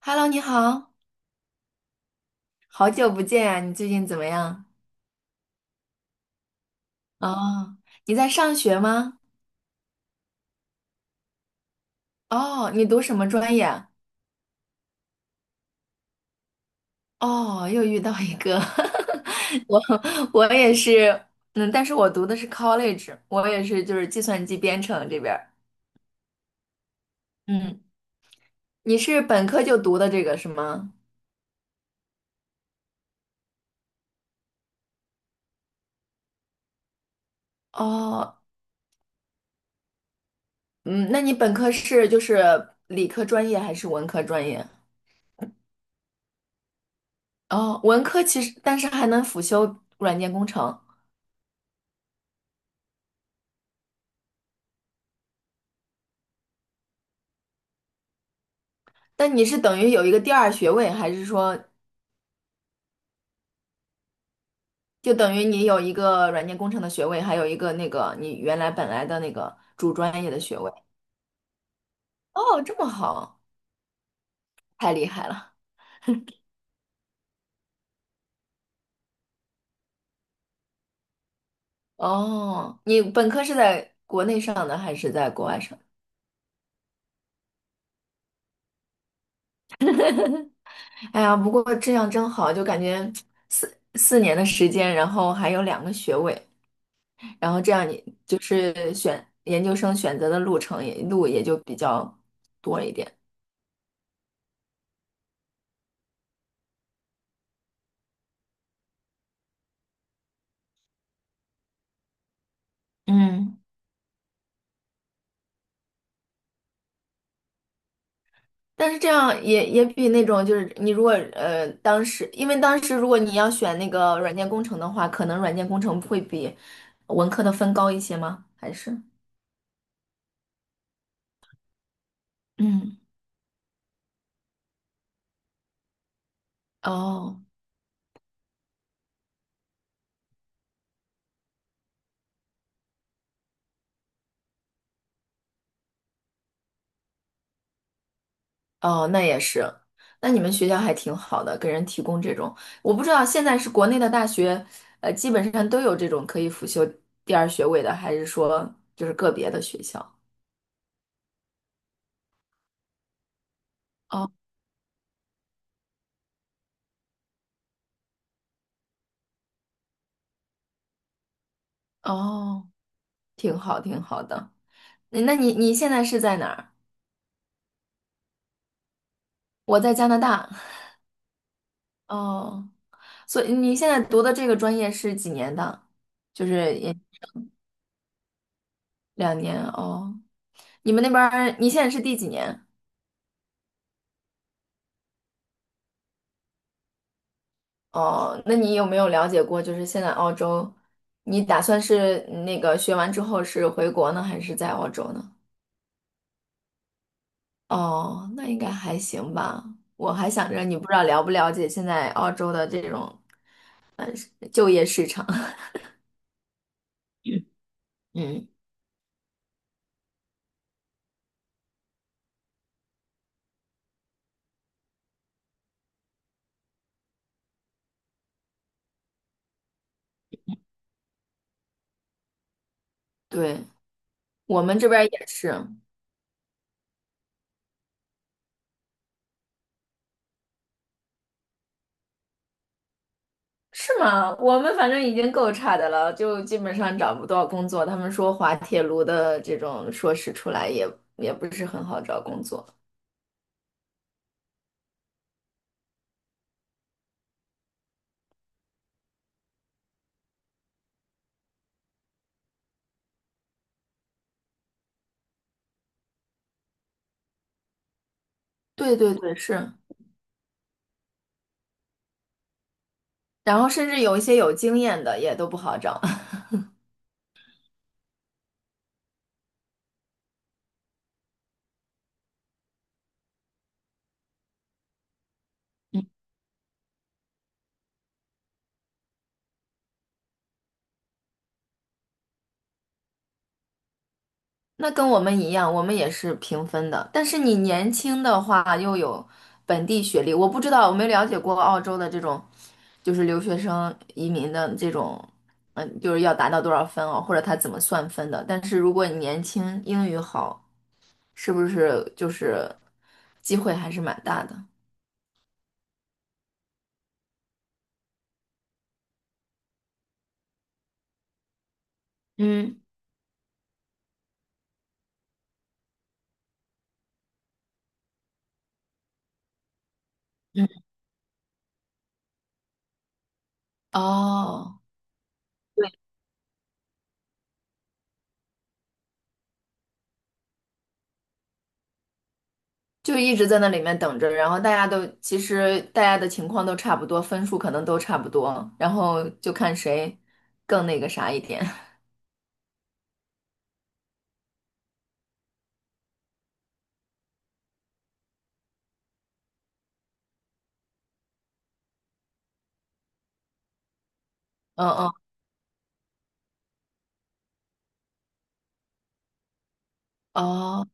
Hello，你好，好久不见呀，你最近怎么样？哦，你在上学吗？哦，你读什么专业啊？哦，又遇到一个，我我也是，嗯，但是我读的是 college，我也是就是计算机编程这边儿。嗯，你是本科就读的这个是吗？哦，嗯，那你本科是就是理科专业还是文科专业？哦，文科其实但是还能辅修软件工程。但你是等于有一个第二学位，还是说就等于你有一个软件工程的学位，还有一个那个你原来本来的那个主专业的学位。哦，这么好，太厉害了。哦，你本科是在国内上的还是在国外上的？哎呀，不过这样真好，就感觉四年的时间，然后还有两个学位，然后这样你就是选研究生选择的路程也路也就比较多一点。嗯。但是这样也比那种就是你如果当时，因为当时如果你要选那个软件工程的话，可能软件工程会比文科的分高一些吗？还是嗯哦哦，那也是，那你们学校还挺好的，给人提供这种，我不知道现在是国内的大学，呃，基本上都有这种可以辅修第二学位的，还是说就是个别的学校？哦哦，挺好挺好的。那你现在是在哪儿？我在加拿大。哦。所以你现在读的这个专业是几年的？就是也两年哦。你们那边儿你现在是第几年？哦，那你有没有了解过？就是现在澳洲，你打算是那个学完之后是回国呢，还是在澳洲呢？哦，那应该还行吧。我还想着你不知道了不了解现在澳洲的这种就业市场。嗯，对，我们这边儿也是。是吗？我们反正已经够差的了，就基本上找不到工作。他们说滑铁卢的这种硕士出来也不是很好找工作。对对对，是。然后甚至有一些有经验的也都不好找。嗯，那跟我们一样，我们也是平分的。但是你年轻的话又有本地学历，我不知道，我没了解过澳洲的这种，就是留学生移民的这种，嗯，就是要达到多少分哦，或者他怎么算分的。但是如果你年轻，英语好。是不是就是机会还是蛮大的？嗯嗯，哦，就一直在那里面等着，然后大家都其实大家的情况都差不多，分数可能都差不多，然后就看谁更那个啥一点。嗯嗯，哦，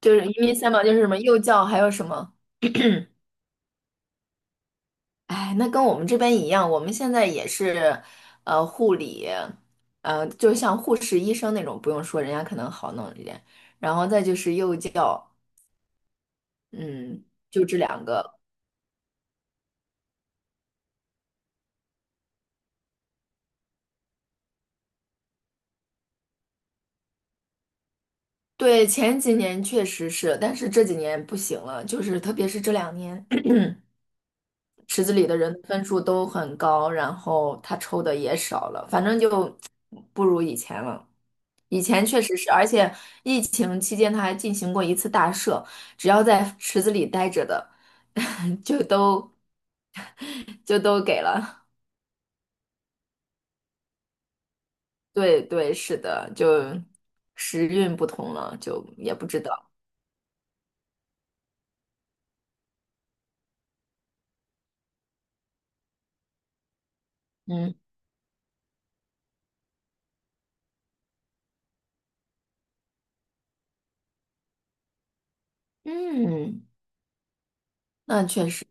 就是因为三宝，就是什么幼教，还有什么？哎，那跟我们这边一样，我们现在也是，呃，护理，呃，就像护士、医生那种，不用说，人家可能好弄一点。然后再就是幼教，嗯，就这两个。对，前几年确实是，但是这几年不行了，就是特别是这两年，池子里的人的分数都很高，然后他抽的也少了，反正就不如以前了。以前确实是，而且疫情期间他还进行过一次大赦，只要在池子里待着的，就都就都给了。对对，是的，就时运不同了，就也不知道。嗯嗯，那确实。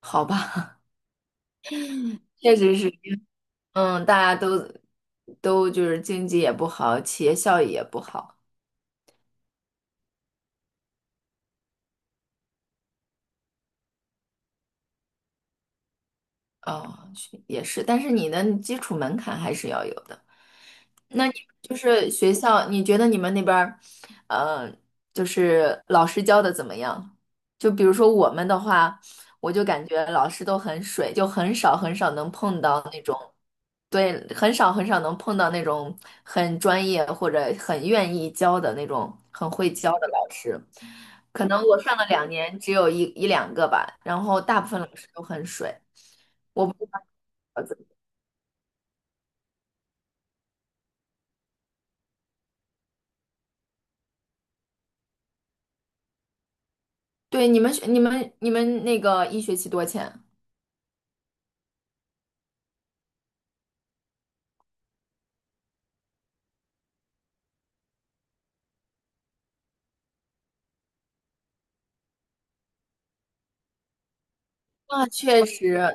好吧，确实是，嗯，大家都就是经济也不好，企业效益也不好，哦，是也是，但是你的基础门槛还是要有的。那你就是学校，你觉得你们那边儿，呃，就是老师教的怎么样？就比如说我们的话，我就感觉老师都很水，就很少很少能碰到那种，对，很少很少能碰到那种很专业或者很愿意教的那种很会教的老师。可能我上了两年，只有一两个吧，然后大部分老师都很水。我不知道，对，你们那个一学期多钱啊？那确实，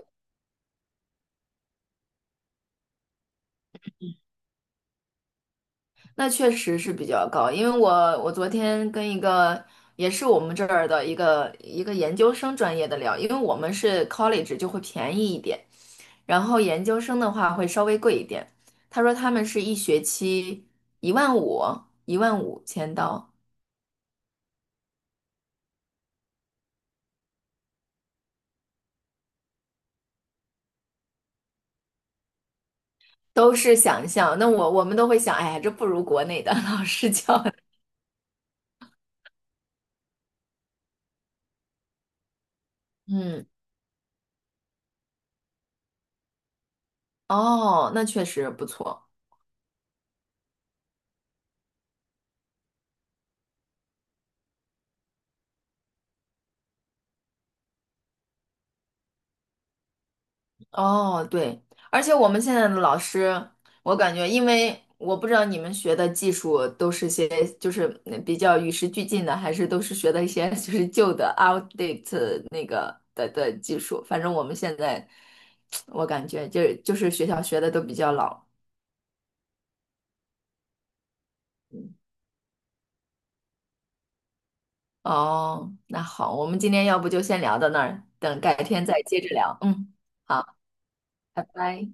那确实是比较高，因为我昨天跟一个也是我们这儿的一个研究生专业的聊，因为我们是 college 就会便宜一点，然后研究生的话会稍微贵一点。他说他们是一学期一万五，15000刀，都是想象。那我们都会想，哎呀，这不如国内的 老师教的。嗯，哦，那确实不错。哦，对，而且我们现在的老师，我感觉，因为我不知道你们学的技术都是些就是比较与时俱进的，还是都是学的一些 就是旧的 outdate 那个的技术。反正我们现在，我感觉就是学校学的都比较老。嗯哦，那好，我们今天要不就先聊到那儿，等改天再接着聊。嗯，好，拜拜。